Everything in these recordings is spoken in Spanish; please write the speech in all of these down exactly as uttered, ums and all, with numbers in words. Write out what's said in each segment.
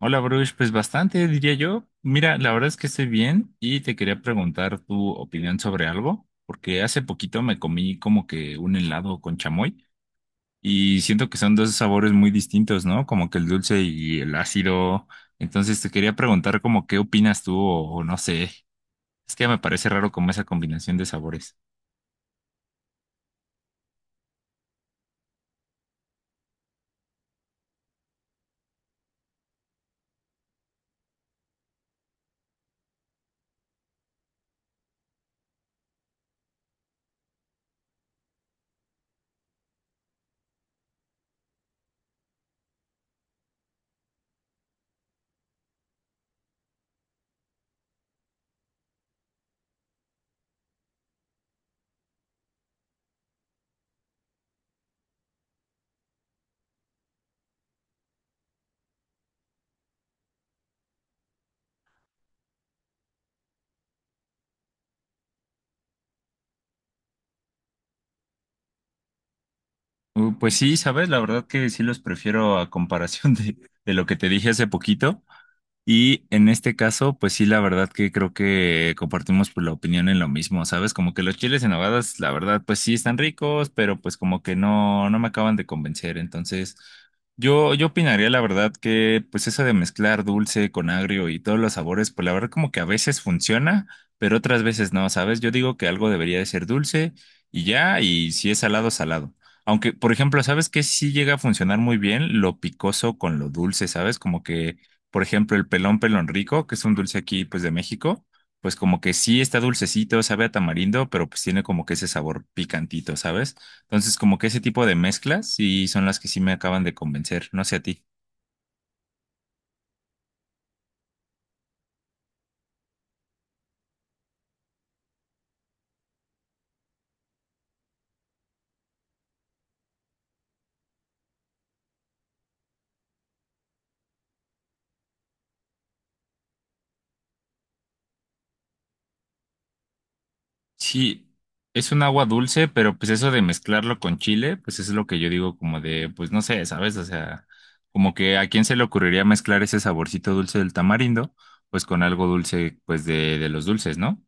Hola, Bruce, pues bastante, diría yo. Mira, la verdad es que estoy bien y te quería preguntar tu opinión sobre algo, porque hace poquito me comí como que un helado con chamoy y siento que son dos sabores muy distintos, ¿no? Como que el dulce y el ácido. Entonces te quería preguntar como qué opinas tú o, o no sé. Es que me parece raro como esa combinación de sabores. Uh, pues sí, sabes, la verdad que sí los prefiero a comparación de, de lo que te dije hace poquito. Y en este caso, pues sí, la verdad que creo que compartimos pues, la opinión en lo mismo, ¿sabes? Como que los chiles en nogadas, la verdad, pues sí están ricos, pero pues como que no, no me acaban de convencer. Entonces, yo, yo opinaría la verdad que pues eso de mezclar dulce con agrio y todos los sabores, pues la verdad como que a veces funciona, pero otras veces no, ¿sabes? Yo digo que algo debería de ser dulce y ya, y si es salado, salado. Aunque, por ejemplo, ¿sabes qué? Sí llega a funcionar muy bien lo picoso con lo dulce, ¿sabes? Como que por ejemplo, el pelón pelón rico, que es un dulce aquí, pues de México, pues como que sí está dulcecito, sabe a tamarindo, pero pues tiene como que ese sabor picantito, ¿sabes? Entonces, como que ese tipo de mezclas sí son las que sí me acaban de convencer, no sé a ti. Sí, es un agua dulce, pero pues eso de mezclarlo con chile, pues es lo que yo digo como de, pues no sé, ¿sabes? O sea, como que a quién se le ocurriría mezclar ese saborcito dulce del tamarindo, pues con algo dulce, pues de, de los dulces, ¿no?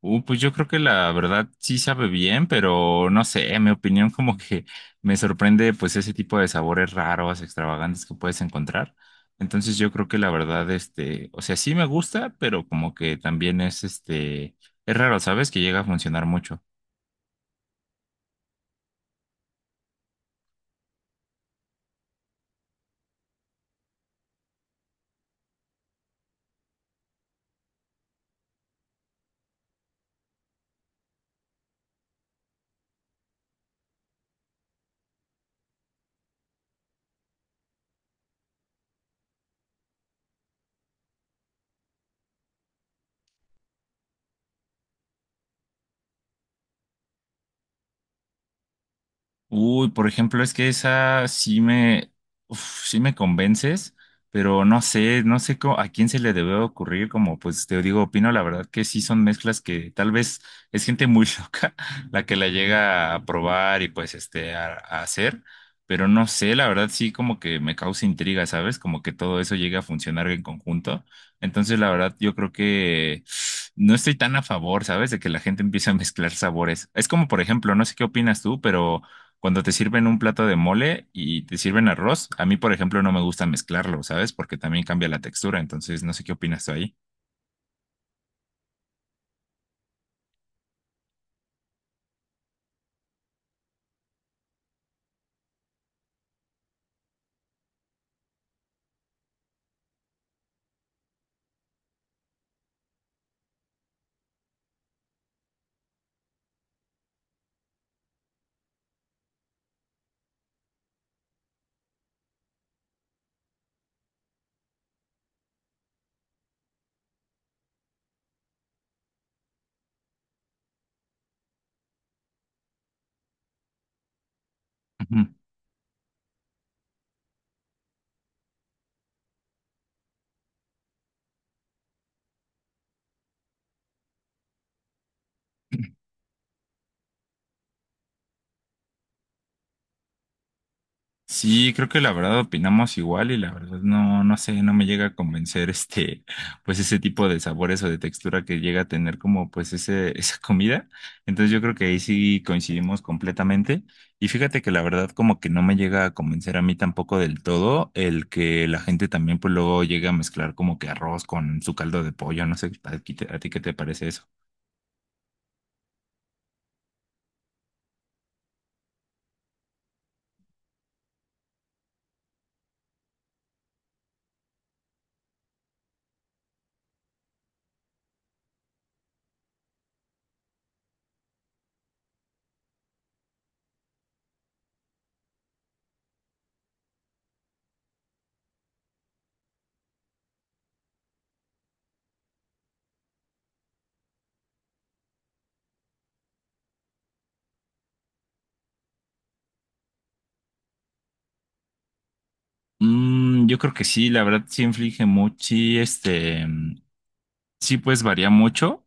Uh, pues yo creo que la verdad sí sabe bien, pero no sé, en mi opinión como que me sorprende pues ese tipo de sabores raros, extravagantes que puedes encontrar. Entonces yo creo que la verdad, este, o sea, sí me gusta, pero como que también es este, es raro, ¿sabes? Que llega a funcionar mucho. Uy, por ejemplo, es que esa sí me, uf, sí me convences, pero no sé, no sé cómo- a quién se le debe ocurrir, como pues te digo, opino la verdad que sí son mezclas que tal vez es gente muy loca la que la llega a probar y pues este a, a hacer, pero no sé, la verdad sí como que me causa intriga, ¿sabes? Como que todo eso llega a funcionar en conjunto. Entonces, la verdad, yo creo que no estoy tan a favor, ¿sabes? De que la gente empiece a mezclar sabores. Es como, por ejemplo, no sé qué opinas tú, pero cuando te sirven un plato de mole y te sirven arroz, a mí, por ejemplo, no me gusta mezclarlo, ¿sabes? Porque también cambia la textura, entonces no sé qué opinas tú ahí. Ujú. Sí, creo que la verdad opinamos igual y la verdad no, no sé, no me llega a convencer este, pues ese tipo de sabores o de textura que llega a tener como pues ese, esa comida. Entonces yo creo que ahí sí coincidimos completamente. Y fíjate que la verdad como que no me llega a convencer a mí tampoco del todo el que la gente también pues luego llega a mezclar como que arroz con su caldo de pollo. No sé, ¿a ti, a ti qué te parece eso? Mm, yo creo que sí, la verdad sí inflige mucho, sí, este, mm, sí pues varía mucho.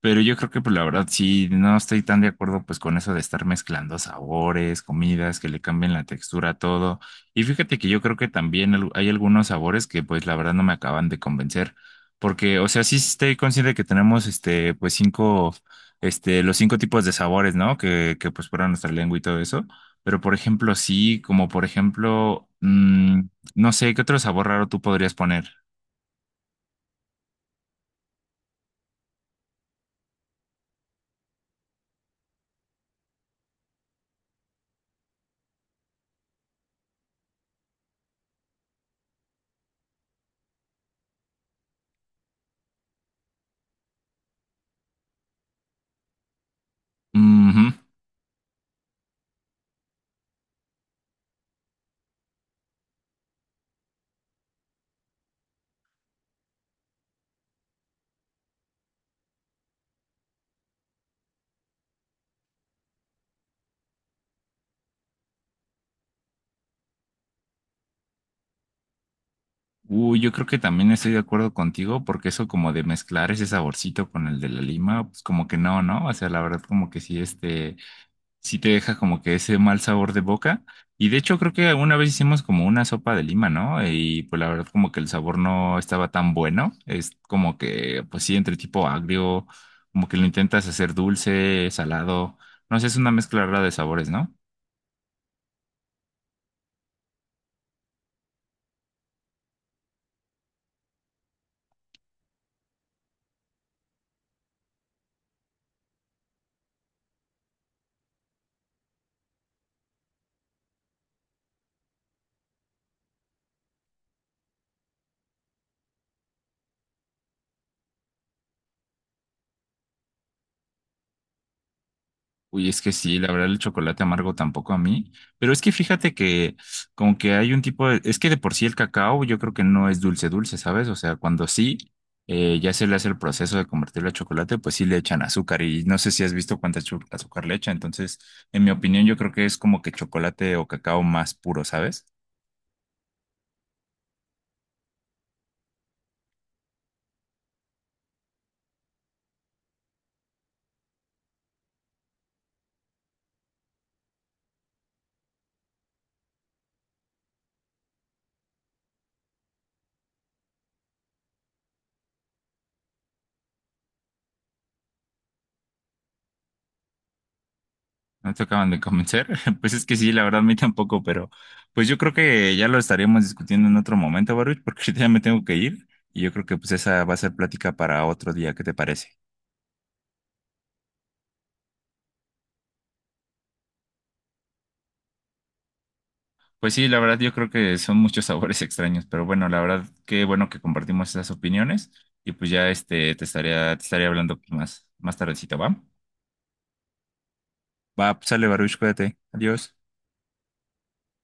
Pero yo creo que, pues la verdad, sí, no estoy tan de acuerdo pues con eso de estar mezclando sabores, comidas, que le cambien la textura a todo. Y fíjate que yo creo que también al- hay algunos sabores que pues la verdad no me acaban de convencer. Porque, o sea, sí estoy consciente que tenemos este, pues cinco, este, los cinco tipos de sabores, ¿no? Que, que pues fuera nuestra lengua y todo eso. Pero, por ejemplo, sí, como por ejemplo, mm, no sé, ¿qué otro sabor raro tú podrías poner? Uy, yo creo que también estoy de acuerdo contigo porque eso como de mezclar ese saborcito con el de la lima, pues como que no, ¿no? O sea, la verdad como que sí, este, sí te deja como que ese mal sabor de boca. Y de hecho creo que alguna vez hicimos como una sopa de lima, ¿no? Y pues la verdad como que el sabor no estaba tan bueno. Es como que, pues sí, entre tipo agrio, como que lo intentas hacer dulce, salado. No sé, es una mezcla rara de sabores, ¿no? Uy, es que sí, la verdad el chocolate amargo tampoco a mí, pero es que fíjate que como que hay un tipo de, es que de por sí el cacao yo creo que no es dulce dulce, ¿sabes? O sea, cuando sí, eh, ya se le hace el proceso de convertirlo a chocolate, pues sí le echan azúcar y no sé si has visto cuánta chu- azúcar le echan, entonces en mi opinión yo creo que es como que chocolate o cacao más puro, ¿sabes? No te acaban de convencer. Pues es que sí, la verdad, a mí tampoco, pero pues yo creo que ya lo estaríamos discutiendo en otro momento, Baruch, porque ahorita ya me tengo que ir y yo creo que pues esa va a ser plática para otro día, ¿qué te parece? Pues sí, la verdad, yo creo que son muchos sabores extraños, pero bueno, la verdad, qué bueno que compartimos esas opiniones y pues ya este te estaría, te estaría hablando más, más tardecito, ¿va? Va, pues sale, Baruch, cuídate. Adiós.